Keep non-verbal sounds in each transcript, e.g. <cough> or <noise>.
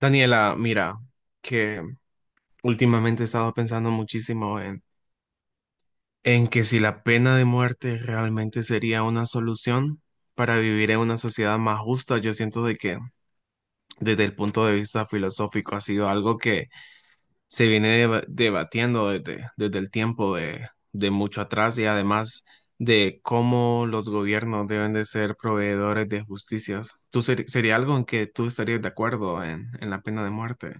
Daniela, mira, que últimamente he estado pensando muchísimo en que si la pena de muerte realmente sería una solución para vivir en una sociedad más justa. Yo siento de que desde el punto de vista filosófico ha sido algo que se viene debatiendo desde el tiempo de mucho atrás, y además de cómo los gobiernos deben de ser proveedores de justicias. ¿Tú sería algo en que tú estarías de acuerdo en la pena de muerte?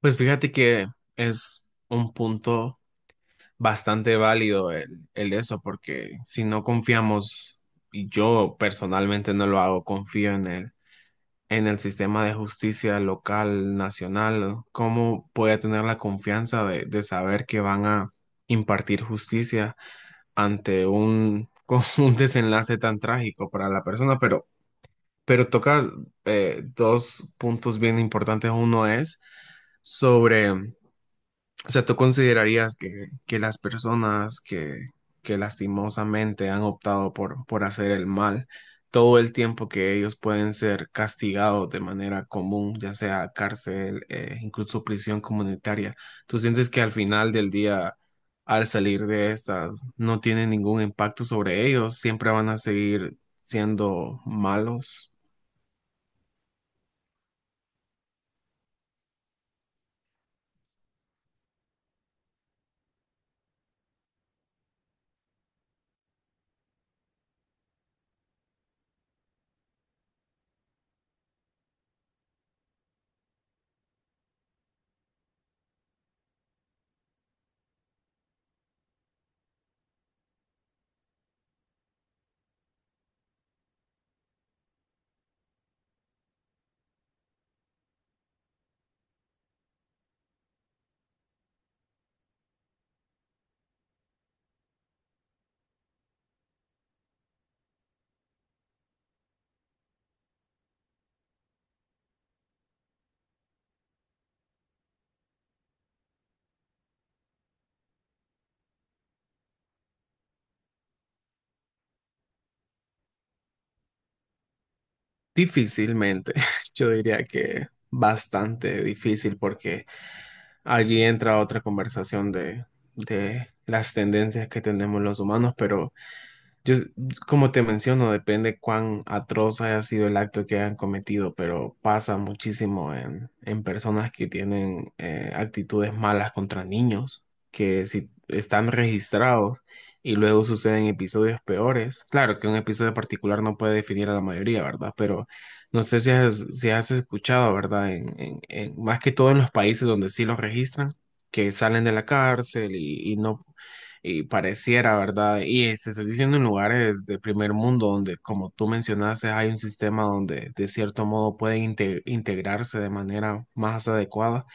Pues fíjate que es un punto bastante válido el eso, porque si no confiamos, y yo personalmente no lo hago, confío en el sistema de justicia local, nacional. ¿Cómo puede tener la confianza de saber que van a impartir justicia ante un, <laughs> con un desenlace tan trágico para la persona? Pero tocas dos puntos bien importantes. Uno es sobre, o sea, ¿tú considerarías que las personas que lastimosamente han optado por hacer el mal, todo el tiempo que ellos pueden ser castigados de manera común, ya sea cárcel, incluso prisión comunitaria? ¿Tú sientes que al final del día, al salir de estas, no tiene ningún impacto sobre ellos? ¿Siempre van a seguir siendo malos? Difícilmente, <laughs> yo diría que bastante difícil, porque allí entra otra conversación de las tendencias que tenemos los humanos. Pero yo, como te menciono, depende cuán atroz haya sido el acto que hayan cometido, pero pasa muchísimo en personas que tienen actitudes malas contra niños, que si están registrados y luego suceden episodios peores. Claro que un episodio particular no puede definir a la mayoría, ¿verdad? Pero no sé si has, si has escuchado, ¿verdad? Más que todo en los países donde sí los registran, que salen de la cárcel y no, y pareciera, ¿verdad? Y te estoy diciendo en lugares de primer mundo donde, como tú mencionaste, hay un sistema donde de cierto modo pueden integrarse de manera más adecuada,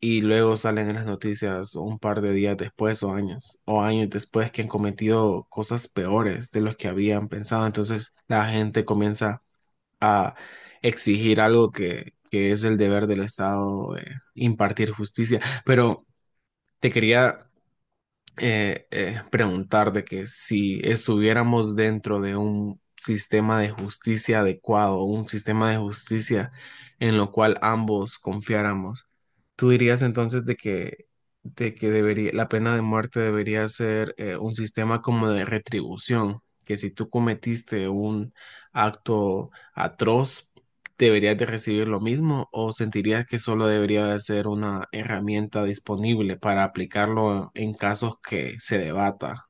y luego salen en las noticias un par de días después, o años después, que han cometido cosas peores de los que habían pensado. Entonces la gente comienza a exigir algo que es el deber del Estado, impartir justicia. Pero te quería preguntar de que si estuviéramos dentro de un sistema de justicia adecuado, un sistema de justicia en lo cual ambos confiáramos, ¿tú dirías entonces de de que debería, la pena de muerte debería ser un sistema como de retribución, que si tú cometiste un acto atroz, deberías de recibir lo mismo, o sentirías que solo debería de ser una herramienta disponible para aplicarlo en casos que se debata?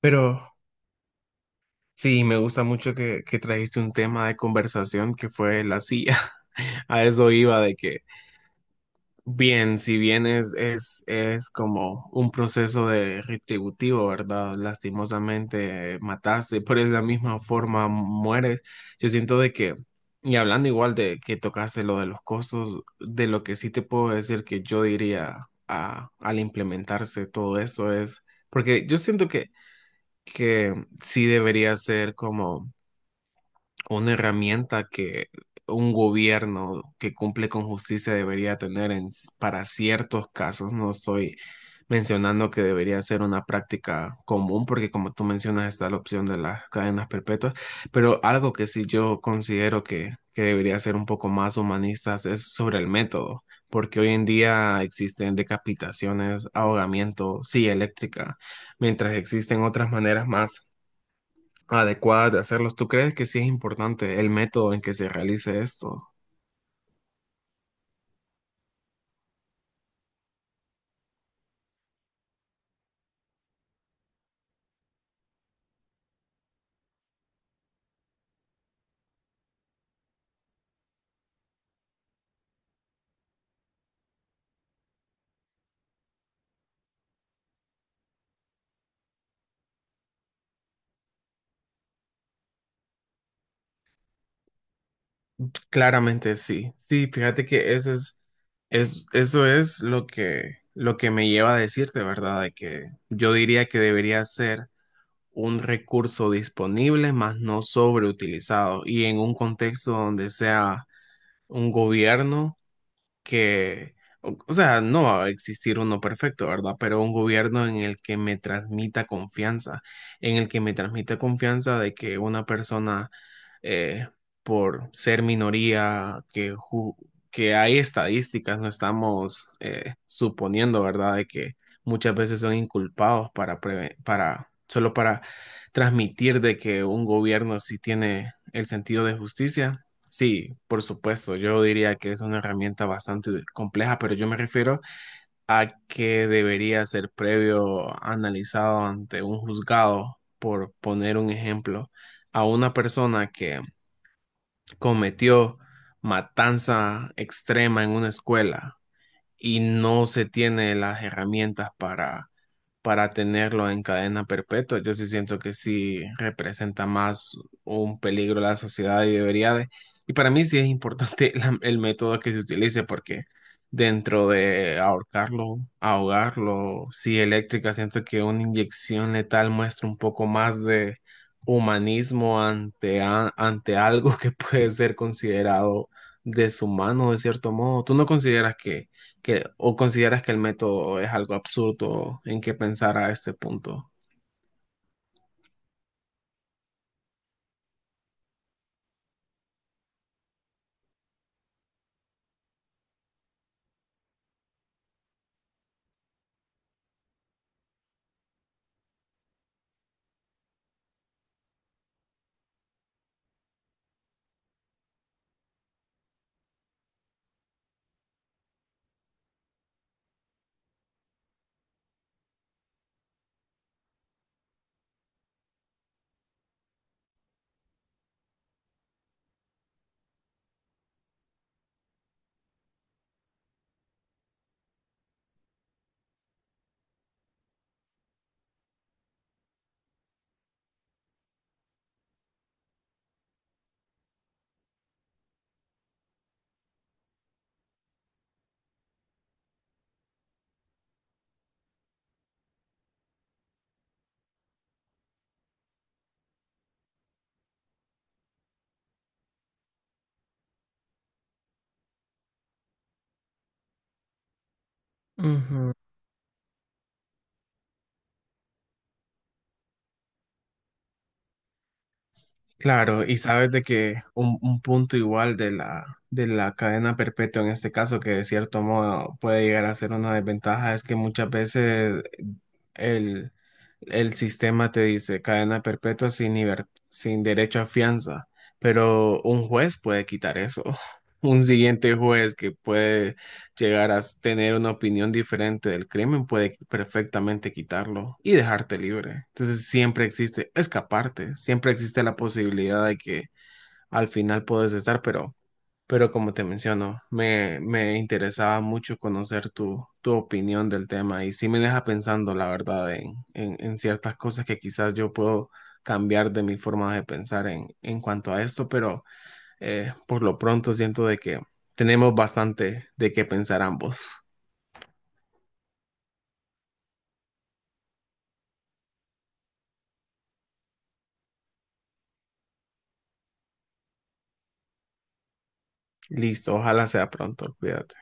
Pero sí, me gusta mucho que trajiste un tema de conversación que fue la silla. <laughs> A eso iba de que bien, si bien es como un proceso de retributivo, ¿verdad? Lastimosamente, mataste, por esa misma forma mueres. Yo siento de que, y hablando igual de que tocaste lo de los costos, de lo que sí te puedo decir que yo diría al implementarse todo esto es, porque yo siento que sí debería ser como una herramienta que un gobierno que cumple con justicia debería tener en, para ciertos casos. No estoy mencionando que debería ser una práctica común, porque como tú mencionas está la opción de las cadenas perpetuas, pero algo que sí yo considero que debería ser un poco más humanistas es sobre el método, porque hoy en día existen decapitaciones, ahogamiento, silla eléctrica, mientras existen otras maneras más adecuadas de hacerlos. ¿Tú crees que sí es importante el método en que se realice esto? Claramente sí. Sí, fíjate que ese es, eso es lo lo que me lleva a decirte, ¿verdad? De que yo diría que debería ser un recurso disponible, más no sobreutilizado, y en un contexto donde sea un gobierno. Que, o sea, no va a existir uno perfecto, ¿verdad? Pero un gobierno en el que me transmita confianza, en el que me transmita confianza de que una persona, eh, por ser minoría, que, que hay estadísticas, no estamos suponiendo, ¿verdad? De que muchas veces son inculpados para, solo para transmitir de que un gobierno sí tiene el sentido de justicia. Sí, por supuesto, yo diría que es una herramienta bastante compleja, pero yo me refiero a que debería ser previo analizado ante un juzgado, por poner un ejemplo, a una persona que cometió matanza extrema en una escuela y no se tiene las herramientas para tenerlo en cadena perpetua. Yo sí siento que sí representa más un peligro a la sociedad, y debería de... Y para mí sí es importante <laughs> el método que se utilice, porque dentro de ahorcarlo, ahogarlo, sí eléctrica, siento que una inyección letal muestra un poco más de humanismo ante, ante algo que puede ser considerado deshumano de cierto modo. ¿Tú no consideras que, o consideras que el método es algo absurdo en que pensar a este punto? Ujú. Claro, y sabes de que un punto igual de de la cadena perpetua en este caso, que de cierto modo puede llegar a ser una desventaja, es que muchas veces el, el sistema te dice cadena perpetua sin sin derecho a fianza, pero un juez puede quitar eso. <laughs> Un siguiente juez que puede llegar a tener una opinión diferente del crimen puede perfectamente quitarlo y dejarte libre. Entonces siempre existe escaparte, siempre existe la posibilidad de que al final puedes estar, pero como te menciono, me interesaba mucho conocer tu, tu opinión del tema, y sí me deja pensando, la verdad, en, en ciertas cosas que quizás yo puedo cambiar de mi forma de pensar en cuanto a esto. Pero por lo pronto siento de que tenemos bastante de qué pensar ambos. Listo, ojalá sea pronto, cuídate.